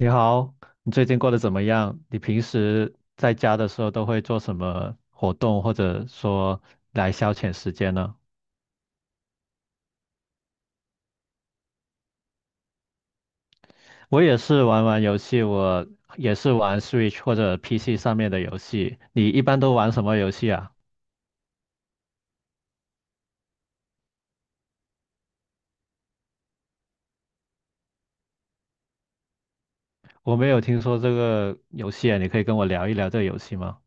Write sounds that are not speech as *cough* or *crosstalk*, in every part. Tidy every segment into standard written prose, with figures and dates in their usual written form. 你好，你最近过得怎么样？你平时在家的时候都会做什么活动，或者说来消遣时间呢？我也是玩玩游戏，我也是玩 Switch 或者 PC 上面的游戏。你一般都玩什么游戏啊？我没有听说这个游戏啊，你可以跟我聊一聊这个游戏吗？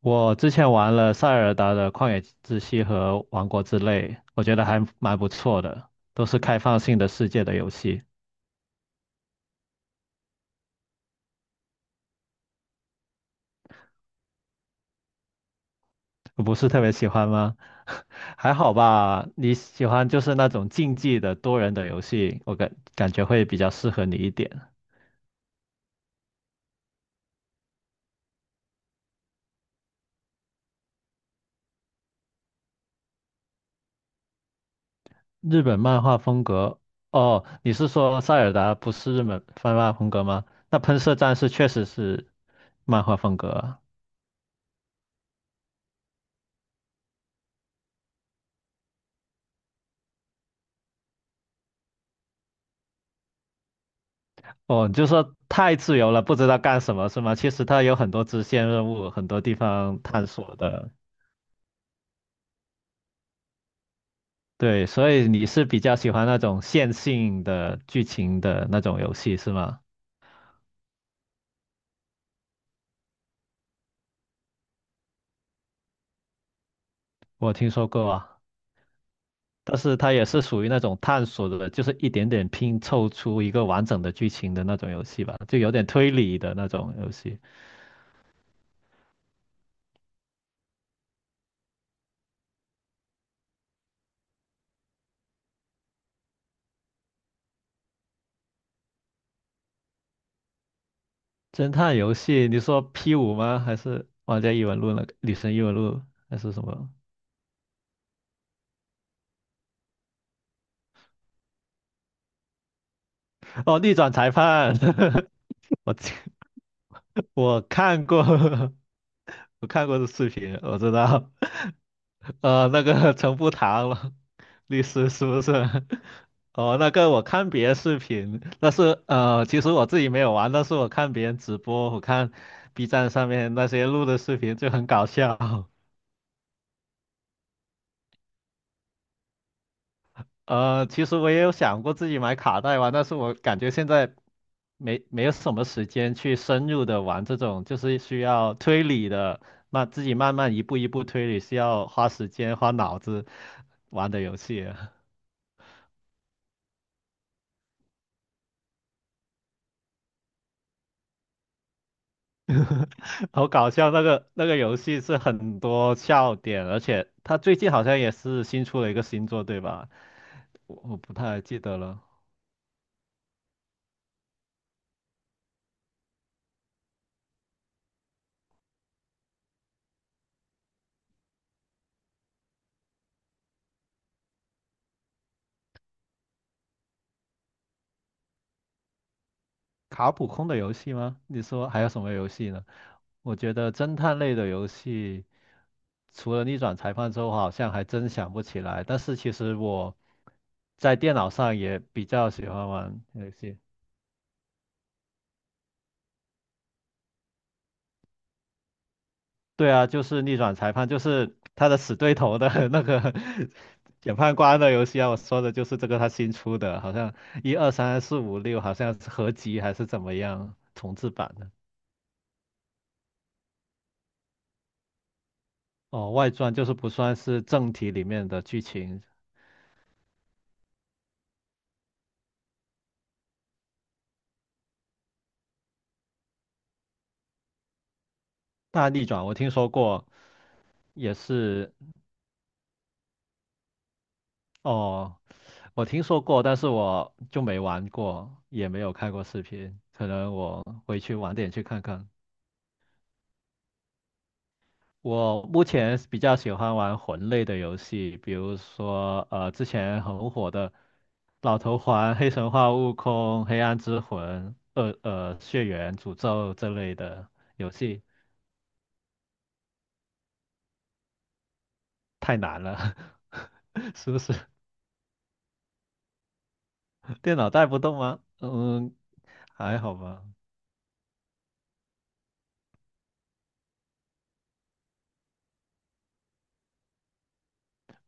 我之前玩了塞尔达的旷野之息和王国之泪，我觉得还蛮不错的，都是开放性的世界的游戏。我不是特别喜欢吗？*laughs* 还好吧，你喜欢就是那种竞技的多人的游戏，我感觉会比较适合你一点。日本漫画风格，哦，你是说塞尔达不是日本漫画风格吗？那喷射战士确实是漫画风格啊。哦，你就说太自由了，不知道干什么是吗？其实它有很多支线任务，很多地方探索的。对，所以你是比较喜欢那种线性的剧情的那种游戏是吗？我听说过啊，但是它也是属于那种探索的，就是一点点拼凑出一个完整的剧情的那种游戏吧，就有点推理的那种游戏。侦探游戏，你说 P5吗？还是玩家异闻录那个女神异闻录还是什么？哦，逆转裁判，*laughs* 我我看过，*laughs* 我看过的视频，我知道，*laughs* 那个陈步堂了，律师是不是？*laughs* 哦，那个我看别的视频，但是其实我自己没有玩，但是我看别人直播，我看 B站上面那些录的视频就很搞笑。其实我也有想过自己买卡带玩，但是我感觉现在没有什么时间去深入的玩这种，就是需要推理的，那自己慢慢一步一步推理，需要花时间花脑子玩的游戏啊。*laughs* 好搞笑，那个游戏是很多笑点，而且它最近好像也是新出了一个新作，对吧？我不太记得了，卡普空的游戏吗？你说还有什么游戏呢？我觉得侦探类的游戏，除了逆转裁判之后，好像还真想不起来。但是其实我在电脑上也比较喜欢玩游戏。对啊，就是逆转裁判，就是他的死对头的 *laughs* 那个检判官的游戏啊。我说的就是这个，他新出的，好像一二三四五六，好像是合集还是怎么样重制版的。哦，外传就是不算是正题里面的剧情。大逆转我听说过，也是。哦，我听说过，但是我就没玩过，也没有看过视频，可能我回去晚点去看看。我目前是比较喜欢玩魂类的游戏，比如说之前很火的《老头环》《黑神话：悟空》《黑暗之魂》《血缘诅咒》这类的游戏，太难了，*laughs* 是不是？*laughs* 电脑带不动吗？嗯，还好吧。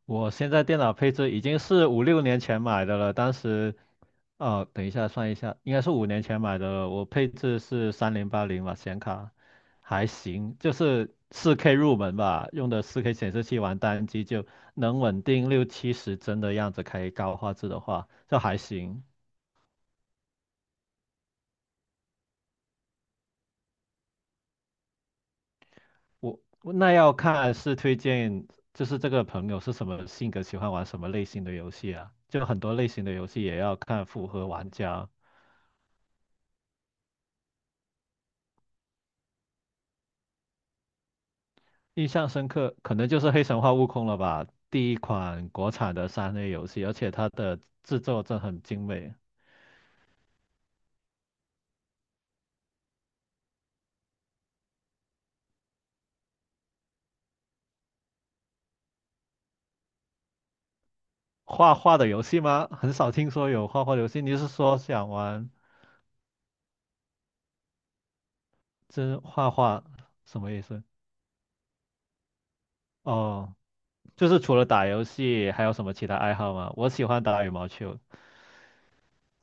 我现在电脑配置已经是五六年前买的了，当时哦，等一下算一下，应该是五年前买的，我配置是3080吧，显卡还行，就是四 K 入门吧，用的4K 显示器玩单机就能稳定六七十帧的样子，开高画质的话就还行。我那要看是推荐，就是这个朋友是什么性格，喜欢玩什么类型的游戏啊？就很多类型的游戏也要看符合玩家。印象深刻，可能就是《黑神话：悟空》了吧，第一款国产的3A 游戏，而且它的制作真很精美。画画的游戏吗？很少听说有画画游戏。你是说想玩真画画？什么意思？哦，就是除了打游戏，还有什么其他爱好吗？我喜欢打羽毛球，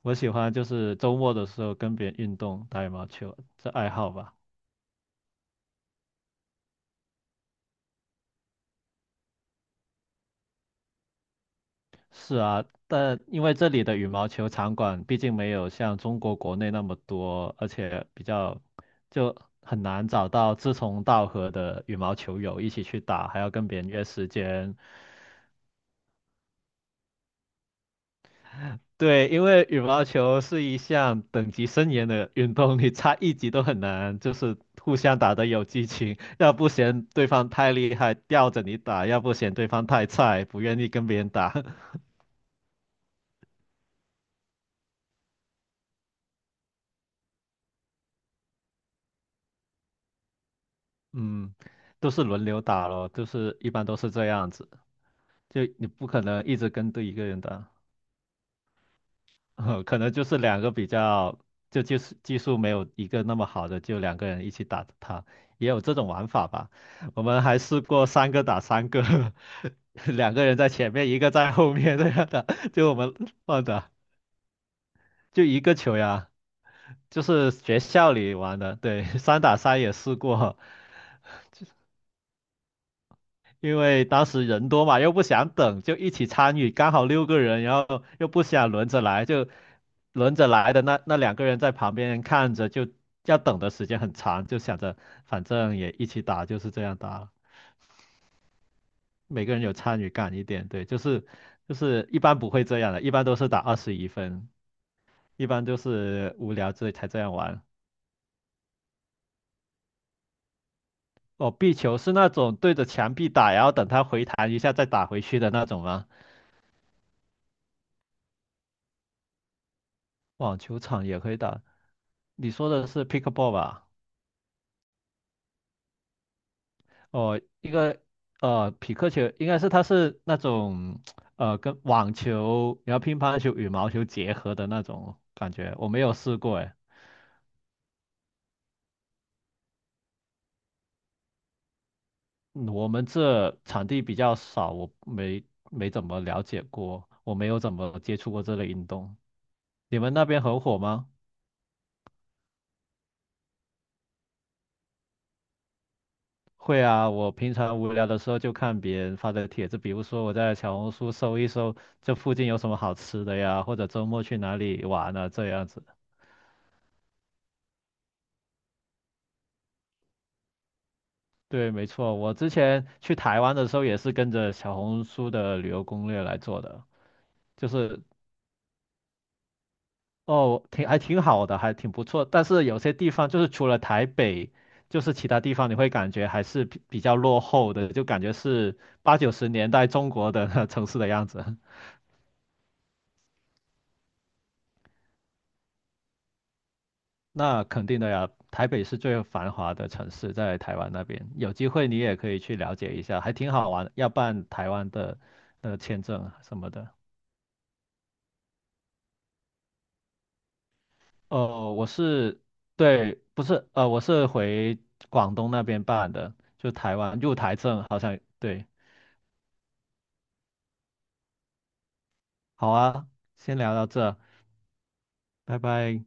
我喜欢就是周末的时候跟别人运动，打羽毛球，这爱好吧。是啊，但因为这里的羽毛球场馆毕竟没有像中国国内那么多，而且比较就很难找到志同道合的羽毛球友一起去打，还要跟别人约时间。对，因为羽毛球是一项等级森严的运动，你差一级都很难，就是互相打得有激情，要不嫌对方太厉害吊着你打，要不嫌对方太菜不愿意跟别人打，*laughs* 嗯，都是轮流打咯，就是一般都是这样子。就你不可能一直跟对一个人打，*laughs* 可能就是两个比较，就技术没有一个那么好的，就两个人一起打他，也有这种玩法吧。我们还试过三个打三个，*laughs* 两个人在前面，一个在后面这样的，*laughs* 就我们乱打，就一个球呀。就是学校里玩的，对，*laughs* 三打三也试过，因为当时人多嘛，又不想等，就一起参与，刚好六个人，然后又不想轮着来，就轮着来的那两个人在旁边看着，就要等的时间很长，就想着反正也一起打，就是这样打了每个人有参与感一点，对，就是一般不会这样的，一般都是打21分，一般都是无聊这才这样玩。哦，壁球是那种对着墙壁打，然后等它回弹一下再打回去的那种吗？网球场也可以打。你说的是 pickleball 吧？哦，一个匹克球，应该是它是那种跟网球、然后乒乓球、羽毛球结合的那种感觉，我没有试过哎。嗯我们这场地比较少，我没怎么了解过，我没有怎么接触过这类运动。你们那边很火吗？会啊，我平常无聊的时候就看别人发的帖子，比如说我在小红书搜一搜这附近有什么好吃的呀，或者周末去哪里玩啊，这样子。对，没错，我之前去台湾的时候也是跟着小红书的旅游攻略来做的，就是哦，挺还挺好的，还挺不错。但是有些地方就是除了台北，就是其他地方你会感觉还是比较落后的，就感觉是八九十年代中国的 *laughs* 城市的样子。那肯定的呀，台北是最繁华的城市，在台湾那边，有机会你也可以去了解一下，还挺好玩要办台湾的签证啊什么的。我是，对，不是，我是回广东那边办的，就台湾入台证，好像，对，好啊，先聊到这，拜拜。